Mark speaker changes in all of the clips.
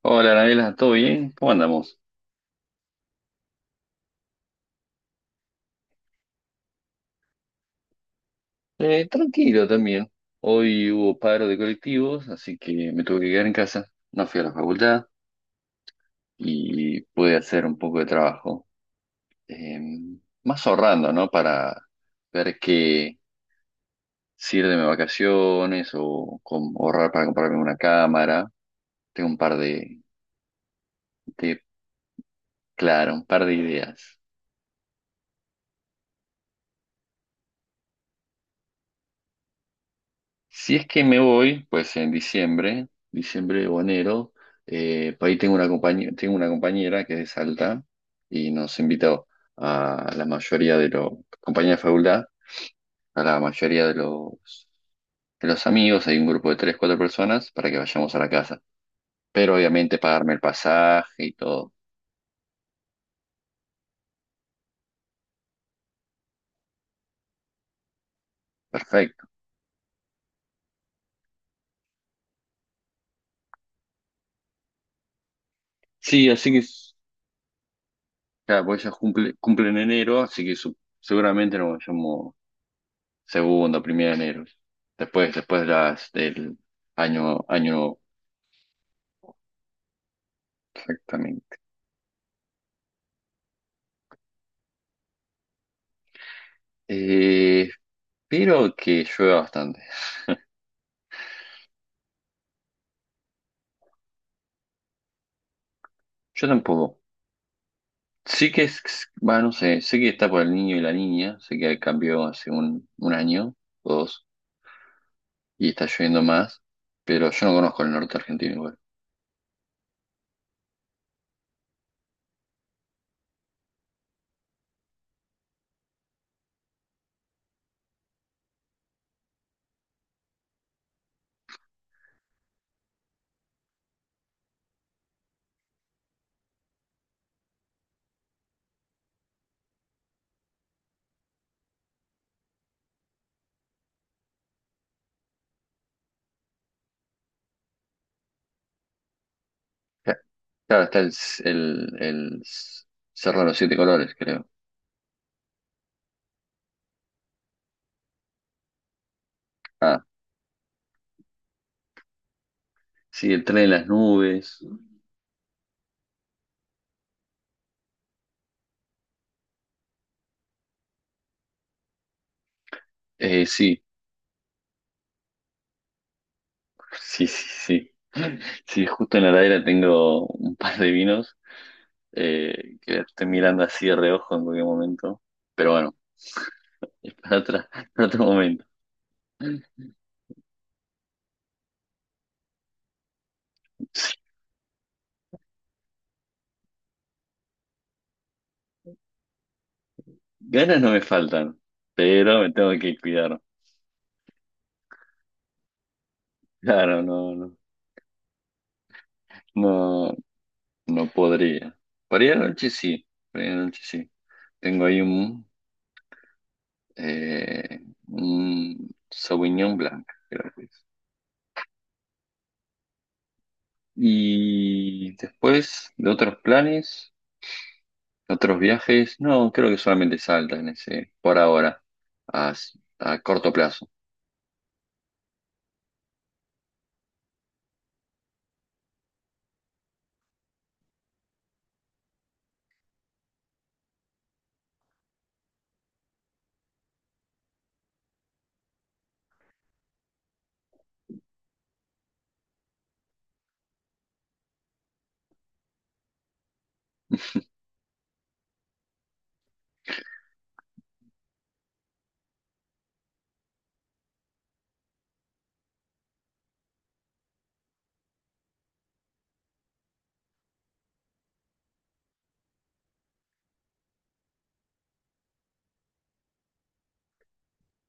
Speaker 1: Hola, Anabela, ¿todo bien? ¿Cómo andamos? Tranquilo también. Hoy hubo paro de colectivos, así que me tuve que quedar en casa. No fui a la facultad y pude hacer un poco de trabajo. Eh, Más ahorrando, ¿no? Para ver qué sirve de vacaciones o ahorrar para comprarme una cámara. Tengo un par de, de- claro, un par de ideas. Si es que me voy, pues en diciembre, diciembre o enero, por ahí tengo una compañía, tengo una compañera que es de Salta y nos invitó a la mayoría de los, compañía de facultad, a la mayoría de los amigos, hay un grupo de tres, cuatro personas para que vayamos a la casa. Pero obviamente pagarme el pasaje y todo. Perfecto. Sí, así que, claro, porque ella cumple en enero, así que seguramente nos vayamos. Segundo, primero de enero. Después de las del año, exactamente. Eh, pero que llueva bastante. Yo tampoco. Sí que es, bueno, no sé, sé que está por el niño y la niña, sé que cambió hace un año o dos y está lloviendo más, pero yo no conozco el norte argentino igual. Ca- Claro, está el Cerro de los Siete Colores, creo. Ah, sí, el tren de las nubes. Sí, sí, sí, sí. Sí, justo en la heladera tengo un par de vinos que estoy mirando así de reojo en cualquier momento. Pero bueno, es para otro momento. Sí, ganas no me faltan, pero me tengo que cuidar. Claro, no, no, no, no podría. Para ir a la noche sí, para ir a la noche sí. Tengo ahí eh, un Sauvignon Blanc, creo que es. Y después de otros planes. ¿Otros viajes? No, creo que solamente Salta en ese, por ahora, a, a corto plazo.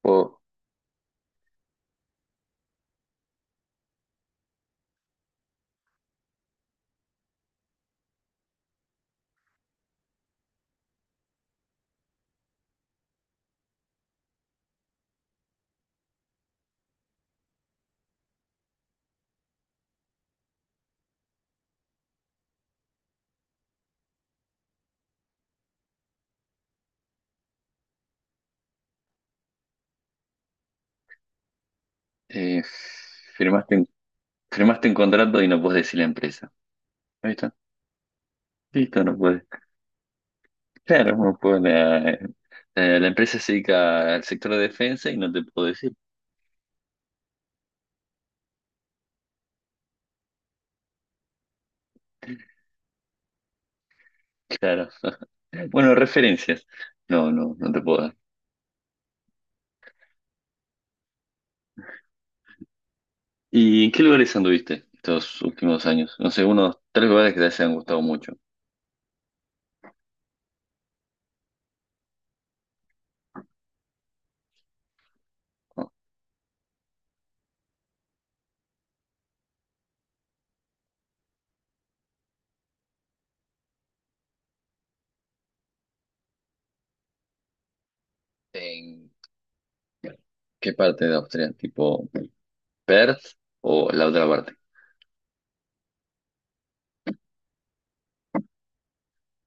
Speaker 1: O, eh, firmaste, un- Firmaste un contrato y no puedes decir la empresa. Ahí está. Listo, no puedes. Claro, no puedes. La empresa se dedica al sector de defensa y no te puedo decir. Claro. Bueno, referencias. No, no, no te puedo dar. ¿Y en qué lugares anduviste estos últimos años? No sé, unos tres lugares que te hayan gustado mucho. ¿No? ¿En qué parte de Austria? Tipo. Perth o la otra parte.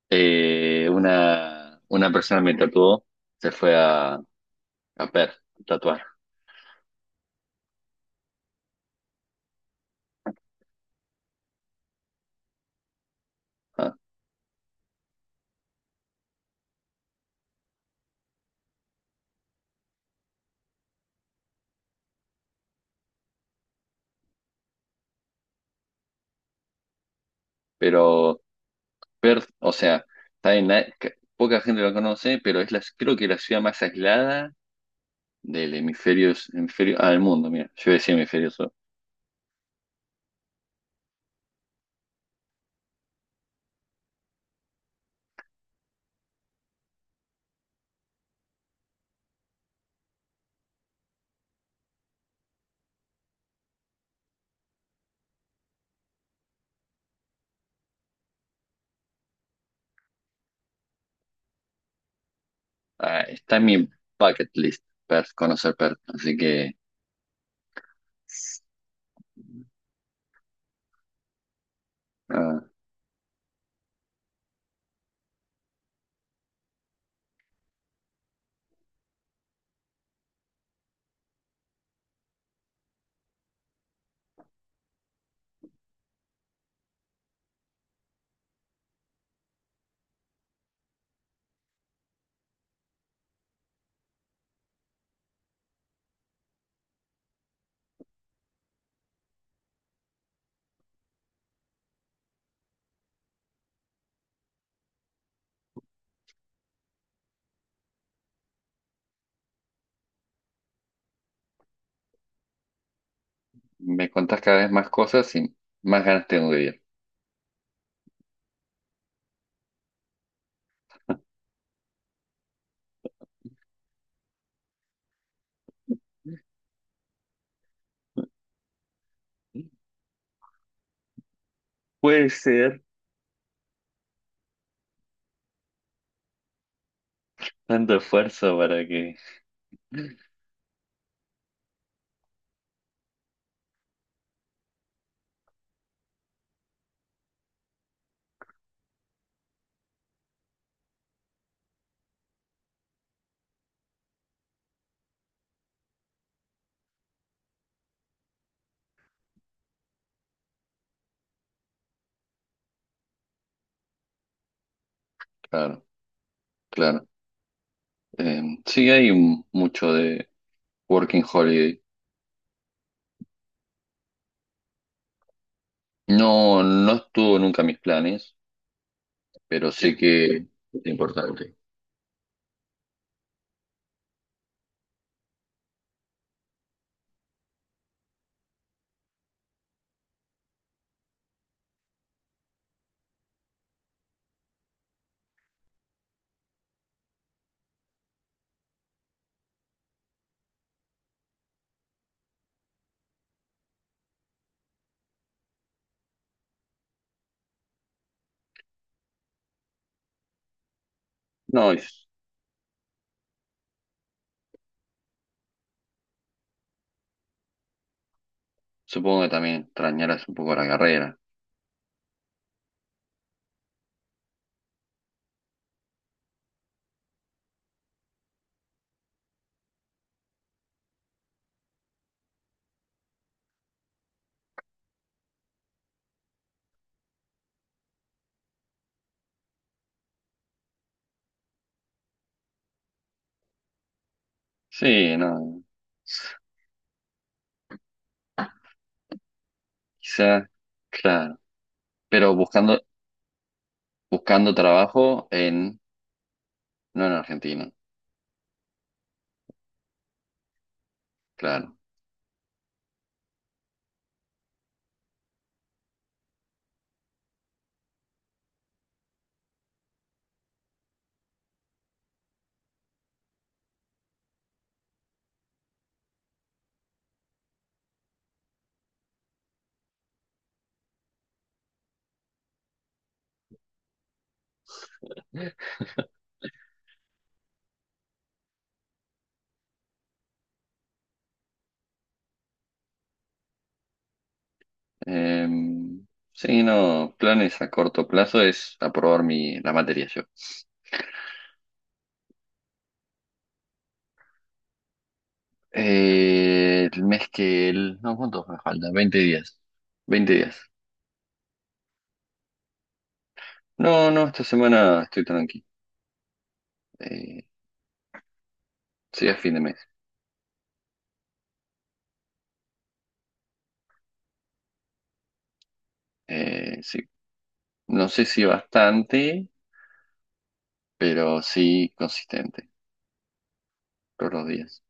Speaker 1: Una persona me tatuó, se fue a Perth, a tatuar. Ah, pero Perth, o sea, está que poca gente lo conoce, pero es la, creo que la ciudad más aislada del mundo, mira, yo decía hemisferio sur. Ah, está en mi bucket list, Perth, conocer Perth, así que ah, me contás cada vez más cosas y más ganas tengo de ir. Puede ser. Tanto esfuerzo para que... Claro, claro. Sí, hay mucho de Working Holiday. No, no estuvo nunca en mis planes, pero sé que es importante. No, y supongo que también extrañarás un poco la carrera. Sí, no, quizá, claro. Pero buscando trabajo no en Argentina, claro. Eh, sí, no, planes a corto plazo es aprobar la materia. El mes que el... No, ¿cuántos me faltan? 20 días. 20 días. No, no, esta semana estoy tranqui. Eh, Sería fin de mes. Sí. No sé si bastante, pero sí consistente todos los días.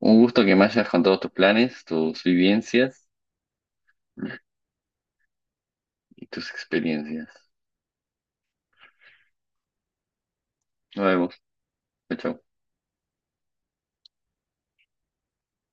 Speaker 1: Un gusto que me hayas contado tus planes, tus vivencias y tus experiencias. Nos vemos. Chao. Chao.